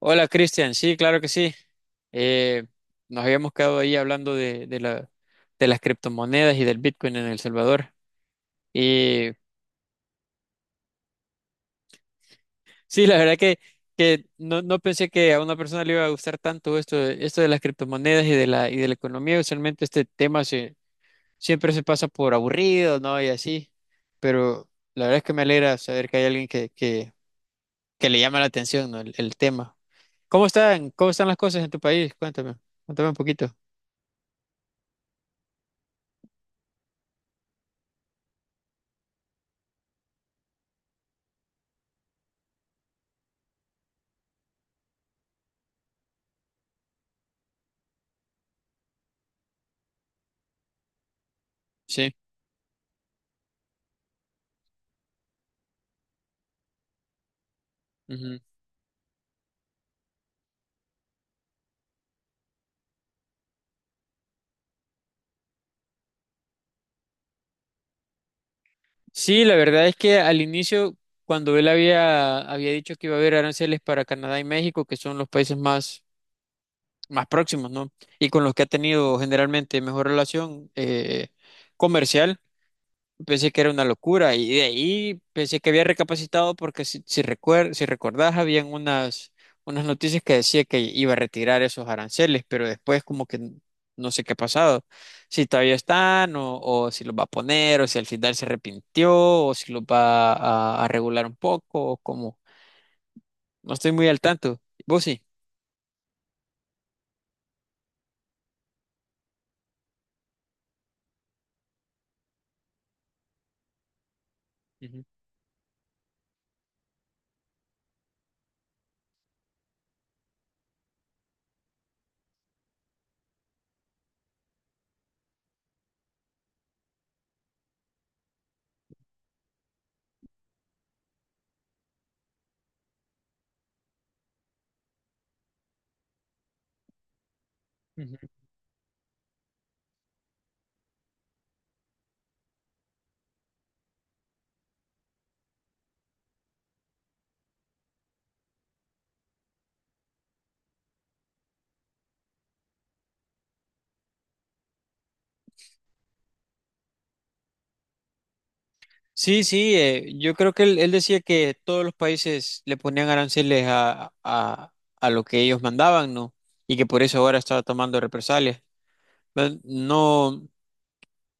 Hola Cristian, sí, claro que sí. Eh, nos habíamos quedado ahí hablando de las criptomonedas y del Bitcoin en El Salvador. Y sí, la verdad que no pensé que a una persona le iba a gustar tanto esto, esto de las criptomonedas y de la economía. Usualmente este siempre se pasa por aburrido, ¿no? Y así. Pero la verdad es que me alegra saber que hay alguien que le llama la atención, ¿no? El tema. Cómo están las cosas en tu país? Cuéntame, cuéntame un poquito. Sí. Sí, la verdad es que al inicio, cuando él había dicho que iba a haber aranceles para Canadá y México, que son los países más, más próximos, ¿no? Y con los que ha tenido generalmente mejor relación comercial, pensé que era una locura y de ahí pensé que había recapacitado porque si recordás habían unas, unas noticias que decía que iba a retirar esos aranceles, pero después como que no sé qué ha pasado, si todavía están o si los va a poner o si al final se arrepintió o si los va a regular un poco o cómo. No estoy muy al tanto. ¿Vos sí? Ujú. Sí, sí, yo creo que él decía que todos los países le ponían aranceles a lo que ellos mandaban, ¿no? Y que por eso ahora estaba tomando represalias. Pero no,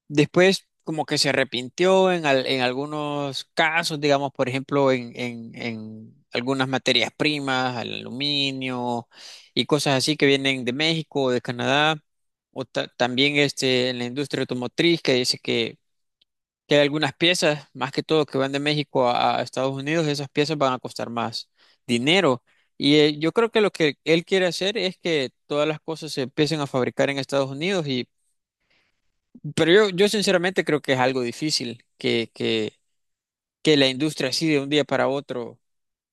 después como que se arrepintió en, en algunos casos, digamos, por ejemplo, en algunas materias primas, al aluminio y cosas así que vienen de México o de Canadá, o también este, en la industria automotriz que dice que hay algunas piezas, más que todo que van de México a Estados Unidos, esas piezas van a costar más dinero. Y yo creo que lo que él quiere hacer es que todas las cosas se empiecen a fabricar en Estados Unidos y pero yo sinceramente creo que es algo difícil que la industria así de un día para otro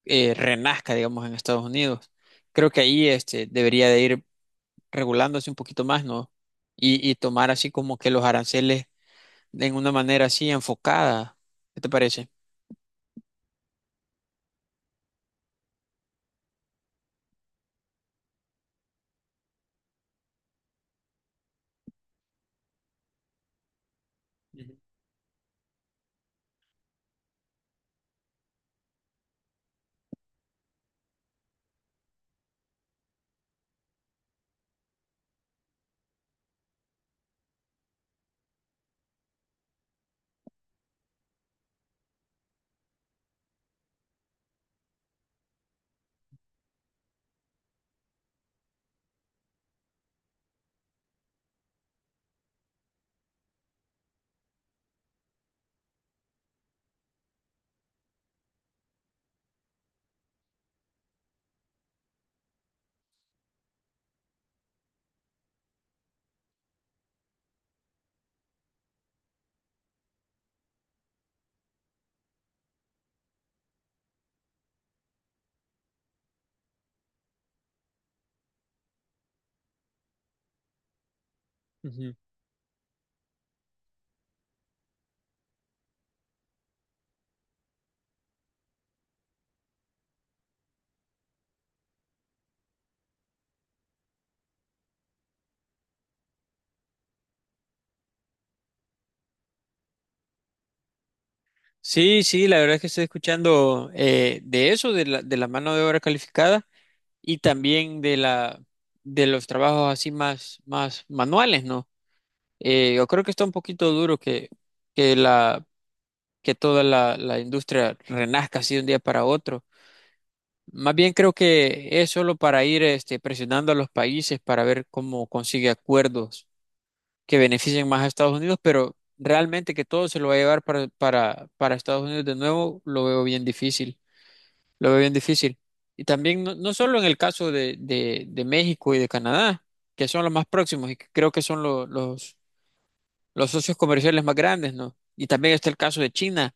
renazca, digamos, en Estados Unidos. Creo que ahí este debería de ir regulándose un poquito más, ¿no? Y tomar así como que los aranceles en una manera así enfocada. ¿Qué te parece? Ujú. Sí, sí, la verdad es que estoy escuchando de eso, de la mano de obra calificada y también de los trabajos así más, más manuales, ¿no? Yo creo que está un poquito duro que que toda la industria renazca así de un día para otro. Más bien creo que es solo para ir este, presionando a los países para ver cómo consigue acuerdos que beneficien más a Estados Unidos, pero realmente que todo se lo va a llevar para Estados Unidos de nuevo, lo veo bien difícil, lo veo bien difícil. Y también no, no solo en el caso de México y de Canadá, que son los más próximos y que creo que son los socios comerciales más grandes, ¿no? Y también está el caso de China,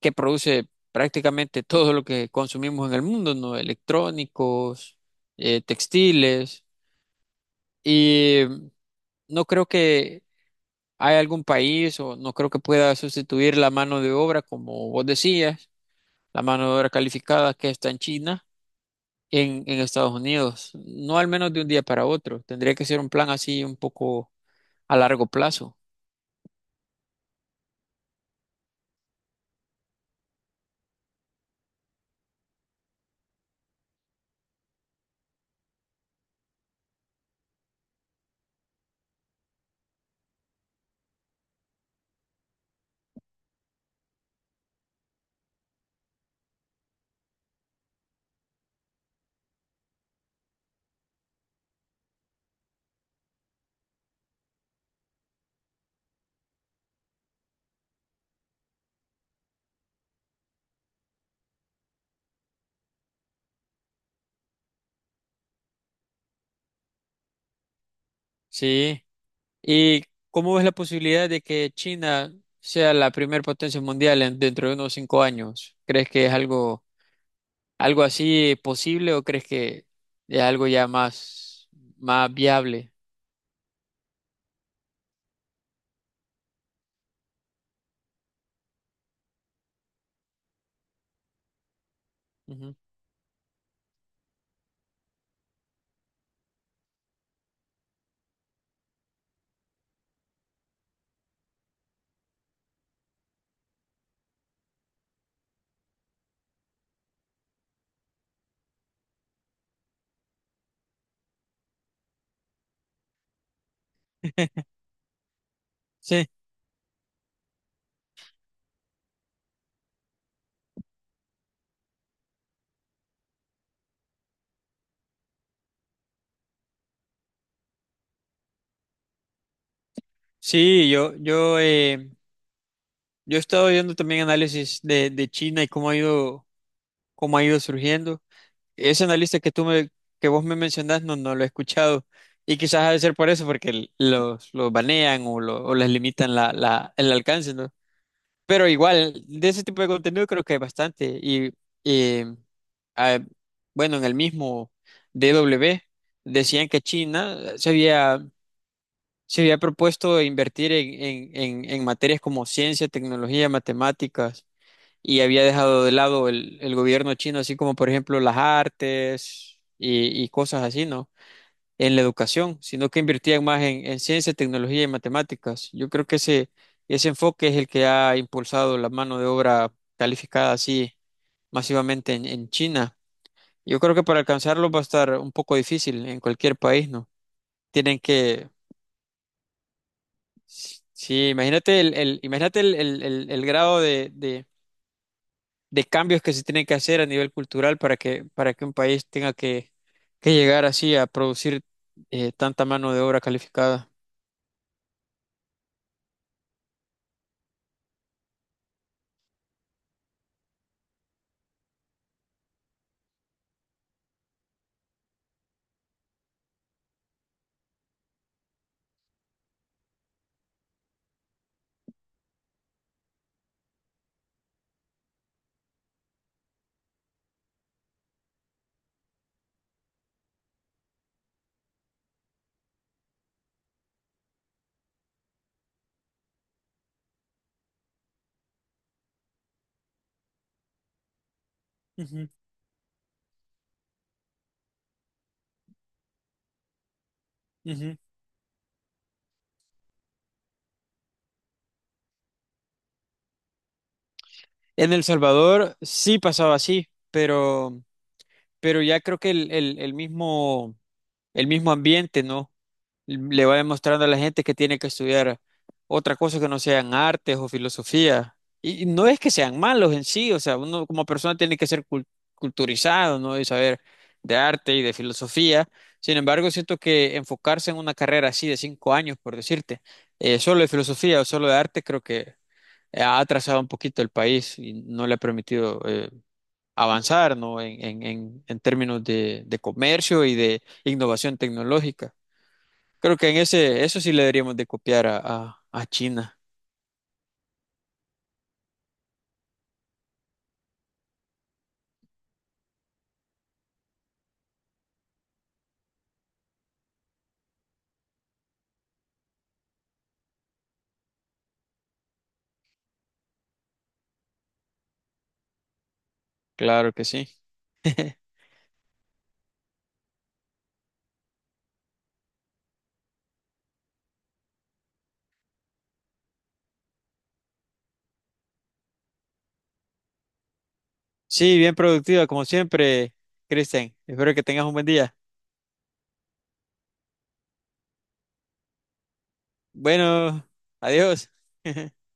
que produce prácticamente todo lo que consumimos en el mundo, ¿no? Electrónicos, textiles, y no creo que ¿hay algún país? O no creo que pueda sustituir la mano de obra, como vos decías, la mano de obra calificada que está en China, en Estados Unidos. No al menos de un día para otro. Tendría que ser un plan así un poco a largo plazo. Sí. ¿Y cómo ves la posibilidad de que China sea la primer potencia mundial dentro de unos 5 años? ¿Crees que es algo, algo así posible o crees que es algo ya más, más viable? Ujú. Sí. Sí, yo he estado viendo también análisis de China y cómo ha ido surgiendo. Ese analista que que vos me mencionás, no, no lo he escuchado. Y quizás ha de ser por eso, porque los banean o, o les limitan la, el alcance, ¿no? Pero igual, de ese tipo de contenido creo que hay bastante. Y eh, ah, bueno, en el mismo DW decían que China se había propuesto invertir en, en materias como ciencia, tecnología, matemáticas, y había dejado de lado el gobierno chino, así como por ejemplo las artes y cosas así, ¿no? En la educación, sino que invertían más en ciencia, tecnología y matemáticas. Yo creo que ese enfoque es el que ha impulsado la mano de obra calificada así masivamente en China. Yo creo que para alcanzarlo va a estar un poco difícil en cualquier país, ¿no? Tienen que sí, imagínate imagínate el grado de cambios que se tienen que hacer a nivel cultural para que un país tenga que llegar así a producir tanta mano de obra calificada. Ujú, ujú. En El Salvador sí pasaba así, pero ya creo que el mismo ambiente, ¿no? Le va demostrando a la gente que tiene que estudiar otra cosa que no sean artes o filosofía. Y no es que sean malos en sí, o sea, uno como persona tiene que ser culturizado, ¿no? Y saber de arte y de filosofía. Sin embargo, siento que enfocarse en una carrera así de 5 años, por decirte, solo de filosofía o solo de arte, creo que ha atrasado un poquito el país y no le ha permitido avanzar, ¿no? En términos de comercio y de innovación tecnológica. Creo que en ese, eso sí le deberíamos de copiar a China. Claro que sí. Sí, bien productiva, como siempre, Cristian. Espero que tengas un buen día. Bueno, adiós.